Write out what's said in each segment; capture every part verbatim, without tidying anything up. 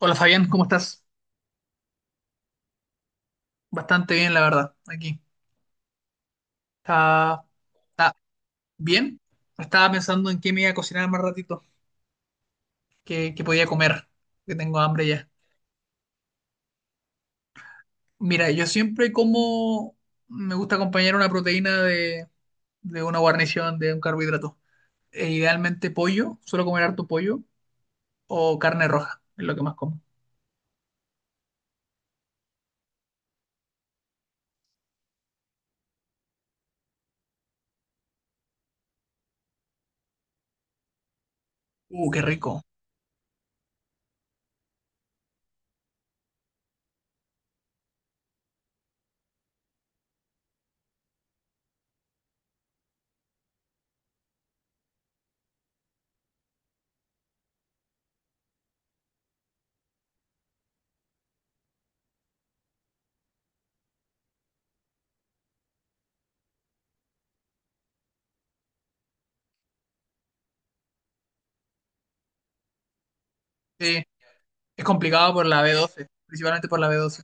Hola Fabián, ¿cómo estás? Bastante bien, la verdad, aquí. Está, está bien. Estaba pensando en qué me iba a cocinar más ratito, qué, qué podía comer, que tengo hambre ya. Mira, yo siempre como, me gusta acompañar una proteína de, de una guarnición, de un carbohidrato. E idealmente pollo, suelo comer harto pollo o carne roja, es lo que más como. Uh, qué rico. Sí, es complicado por la b doce, principalmente por la b doce.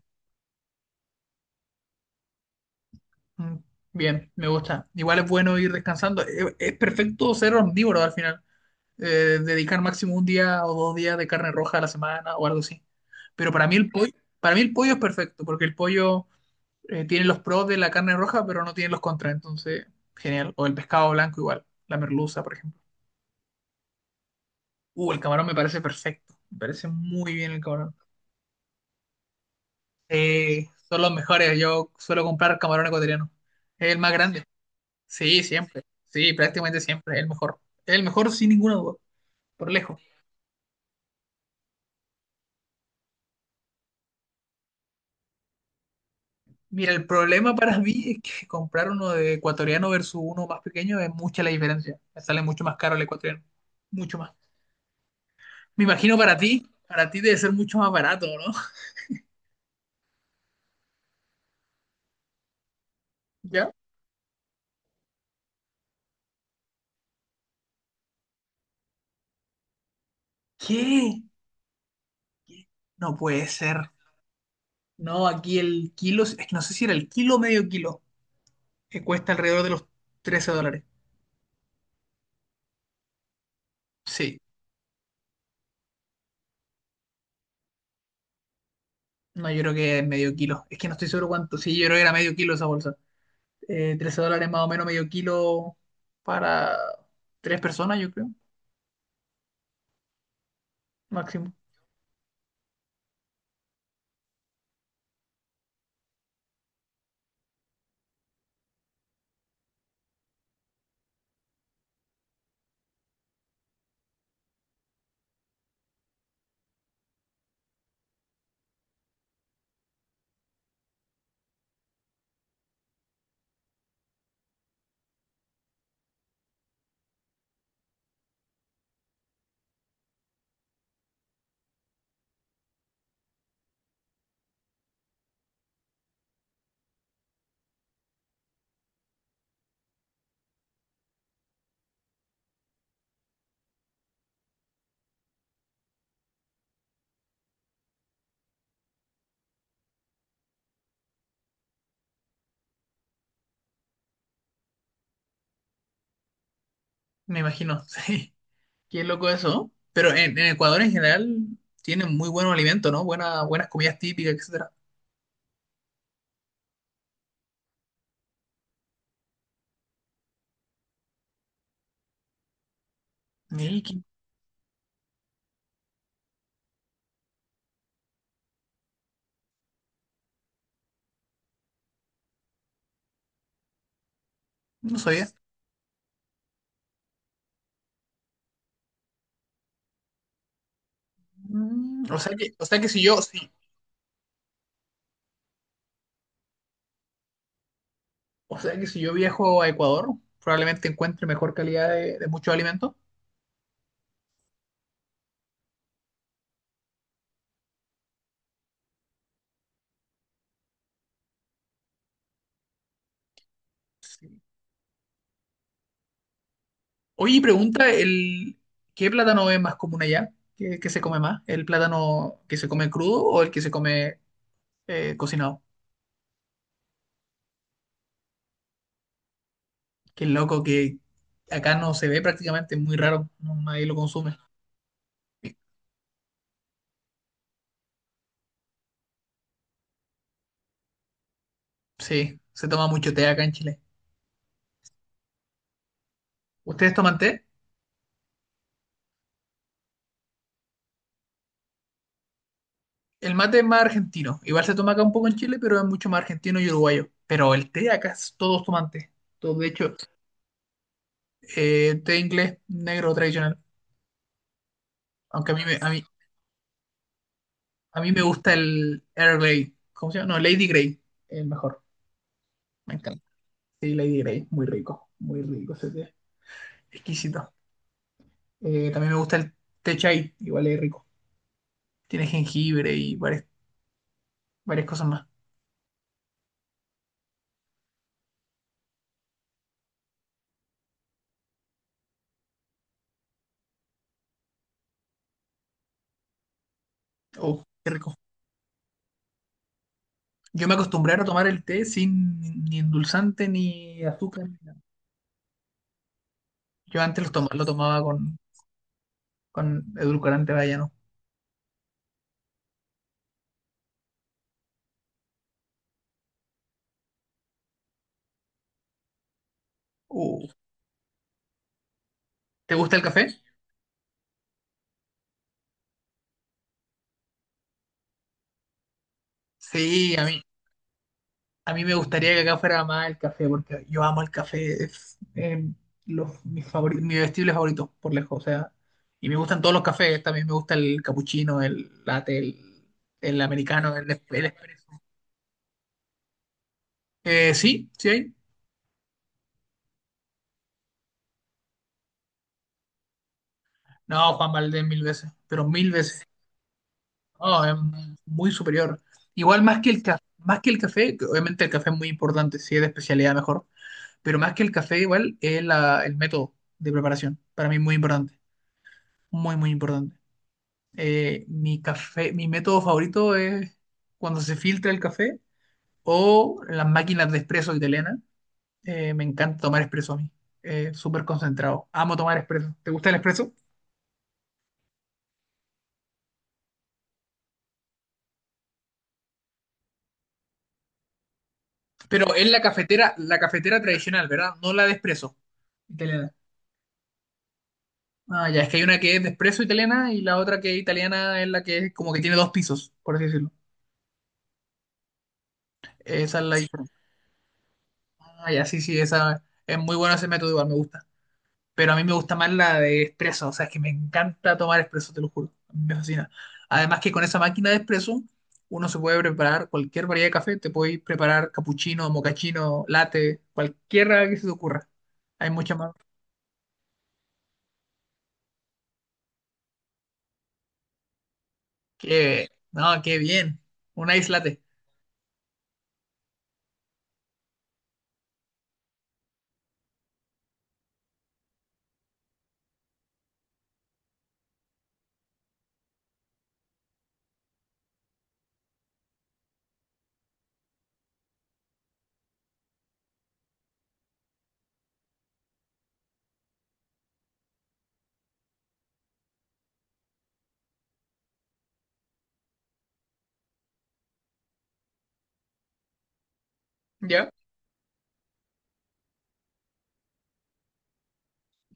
Mm, Bien, me gusta. Igual es bueno ir descansando. Eh, Es, perfecto ser omnívoro al final. Eh, dedicar máximo un día o dos días de carne roja a la semana o algo así. Pero para mí el pollo, para mí el pollo es perfecto, porque el pollo eh, tiene los pros de la carne roja, pero no tiene los contras. Entonces, genial. O el pescado blanco igual, la merluza, por ejemplo. Uh, el camarón me parece perfecto. Me parece muy bien el camarón. Eh, son los mejores. Yo suelo comprar camarón ecuatoriano. Es el más grande. Sí, siempre. Sí, prácticamente siempre. El mejor. El mejor sin ninguna duda. Por lejos. Mira, el problema para mí es que comprar uno de ecuatoriano versus uno más pequeño es mucha la diferencia. Me sale mucho más caro el ecuatoriano. Mucho más. Me imagino para ti. Para ti debe ser mucho más barato, ¿no? ¿Ya? ¿Qué? ¿Qué? No puede ser. No, aquí el kilo, es que no sé si era el kilo o medio kilo, que cuesta alrededor de los trece dólares. Sí, no, yo creo que es medio kilo. Es que no estoy seguro cuánto. Sí, yo creo que era medio kilo esa bolsa. eh, trece dólares más o menos medio kilo para tres personas, yo creo, máximo. Me imagino, sí. Qué loco eso. Pero en, en Ecuador en general tienen muy buenos alimentos, ¿no? Buena- buenas comidas típicas, etcétera. Mira, qué, no sabía. Mm, O sea que, o sea que si yo, sí, o sea que si yo viajo a Ecuador, probablemente encuentre mejor calidad de, de muchos alimentos. Sí. Oye, y pregunta, el, ¿qué plátano es más común allá? ¿Qué, qué se come más? ¿El plátano que se come crudo o el que se come eh, cocinado? Qué loco que acá no se ve prácticamente, es muy raro, no- nadie lo consume. Sí, se toma mucho té acá en Chile. ¿Ustedes toman té? El mate es más argentino. Igual se toma acá un poco en Chile, pero es mucho más argentino y uruguayo. Pero el té acá es- todos toman té. Todos, de hecho, eh, té inglés negro tradicional. Aunque a mí me, a mí, a mí me gusta el Earl Grey. ¿Cómo se llama? No, Lady Grey. El mejor. Me encanta. Sí, Lady Grey. Muy rico. Muy rico ese té. Exquisito. Eh, también me gusta el té chai, igual es rico. Tiene jengibre y varias, varias cosas más. Oh, qué rico. Yo me acostumbré a tomar el té sin ni endulzante ni azúcar, ni nada. Yo antes lo tomaba, lo tomaba con, con edulcorante, vaya, ¿no? Uh, ¿Te gusta el café? Sí, a mí A mí me gustaría que acá fuera más el café, porque yo amo el café, es eh, los, mis favori- mi vestible favorito por lejos, o sea, y me gustan todos los cafés, también me gusta el capuchino, el latte, el, el americano, el, es- el espresso. Eh, sí, sí hay. No, Juan Valdez mil veces, pero mil veces. No, es muy superior. Igual más que el café, más que el café, que obviamente el café es muy importante, si es de especialidad mejor, pero más que el café igual es la, el método de preparación, para mí muy importante, muy, muy importante. Eh, mi café, mi método favorito es cuando se filtra el café o las máquinas de espresso italianas. Eh, me encanta tomar espresso a mí. Eh, súper concentrado. Amo tomar espresso. ¿Te gusta el espresso? Pero es la cafetera, la cafetera tradicional, ¿verdad? No la de espresso italiana. Ah, ya, es que hay una que es de espresso italiana y la otra que es italiana es la que es como que tiene dos pisos, por así decirlo. Esa es la diferencia. Ah, ya, sí, sí, esa es muy buena ese método, igual me gusta. Pero a mí me gusta más la de espresso, o sea, es que me encanta tomar espresso, te lo juro, me fascina. Además que con esa máquina de espresso uno se puede preparar cualquier variedad de café, te puedes preparar cappuccino, mocachino, latte, cualquiera que se te ocurra. Hay mucha más. Que, no, qué bien, una islate. ¿Ya?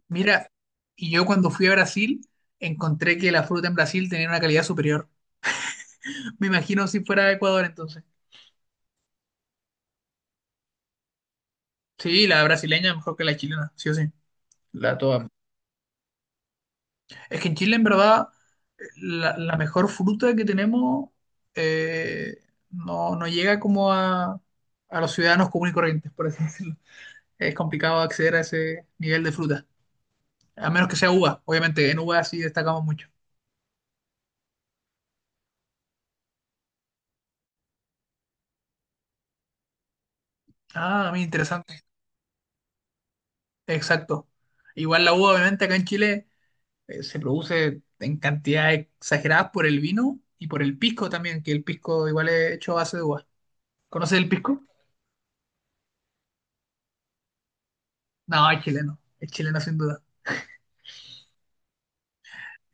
Mira, y yo cuando fui a Brasil encontré que la fruta en Brasil tenía una calidad superior. Me imagino si fuera de Ecuador entonces. Sí, la brasileña mejor que la chilena, sí o sí. La toda. Es que en Chile, en verdad, la, la mejor fruta que tenemos eh, no, no llega como a, a los ciudadanos comunes y corrientes, por así decirlo. Es complicado acceder a ese nivel de fruta, a menos que sea uva. Obviamente, en uva sí destacamos mucho. Ah, muy interesante. Exacto. Igual la uva, obviamente, acá en Chile eh, se produce en cantidades exageradas por el vino y por el pisco también, que el pisco igual es hecho a base de uva. ¿Conoces el pisco? No, es chileno. Es chileno sin duda.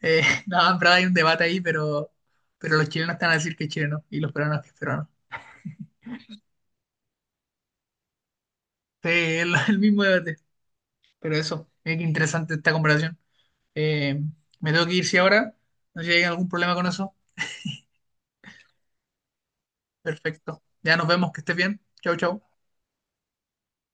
Eh, no, en verdad hay un debate ahí, pero, pero los chilenos están a decir que es chileno y los peruanos que es peruano. Sí, es lo- el mismo debate. Pero eso, es que interesante esta comparación. Eh, Me tengo que ir si ahora. No sé si hay algún problema con eso. Perfecto. Ya nos vemos, que estés bien. Chau, chau.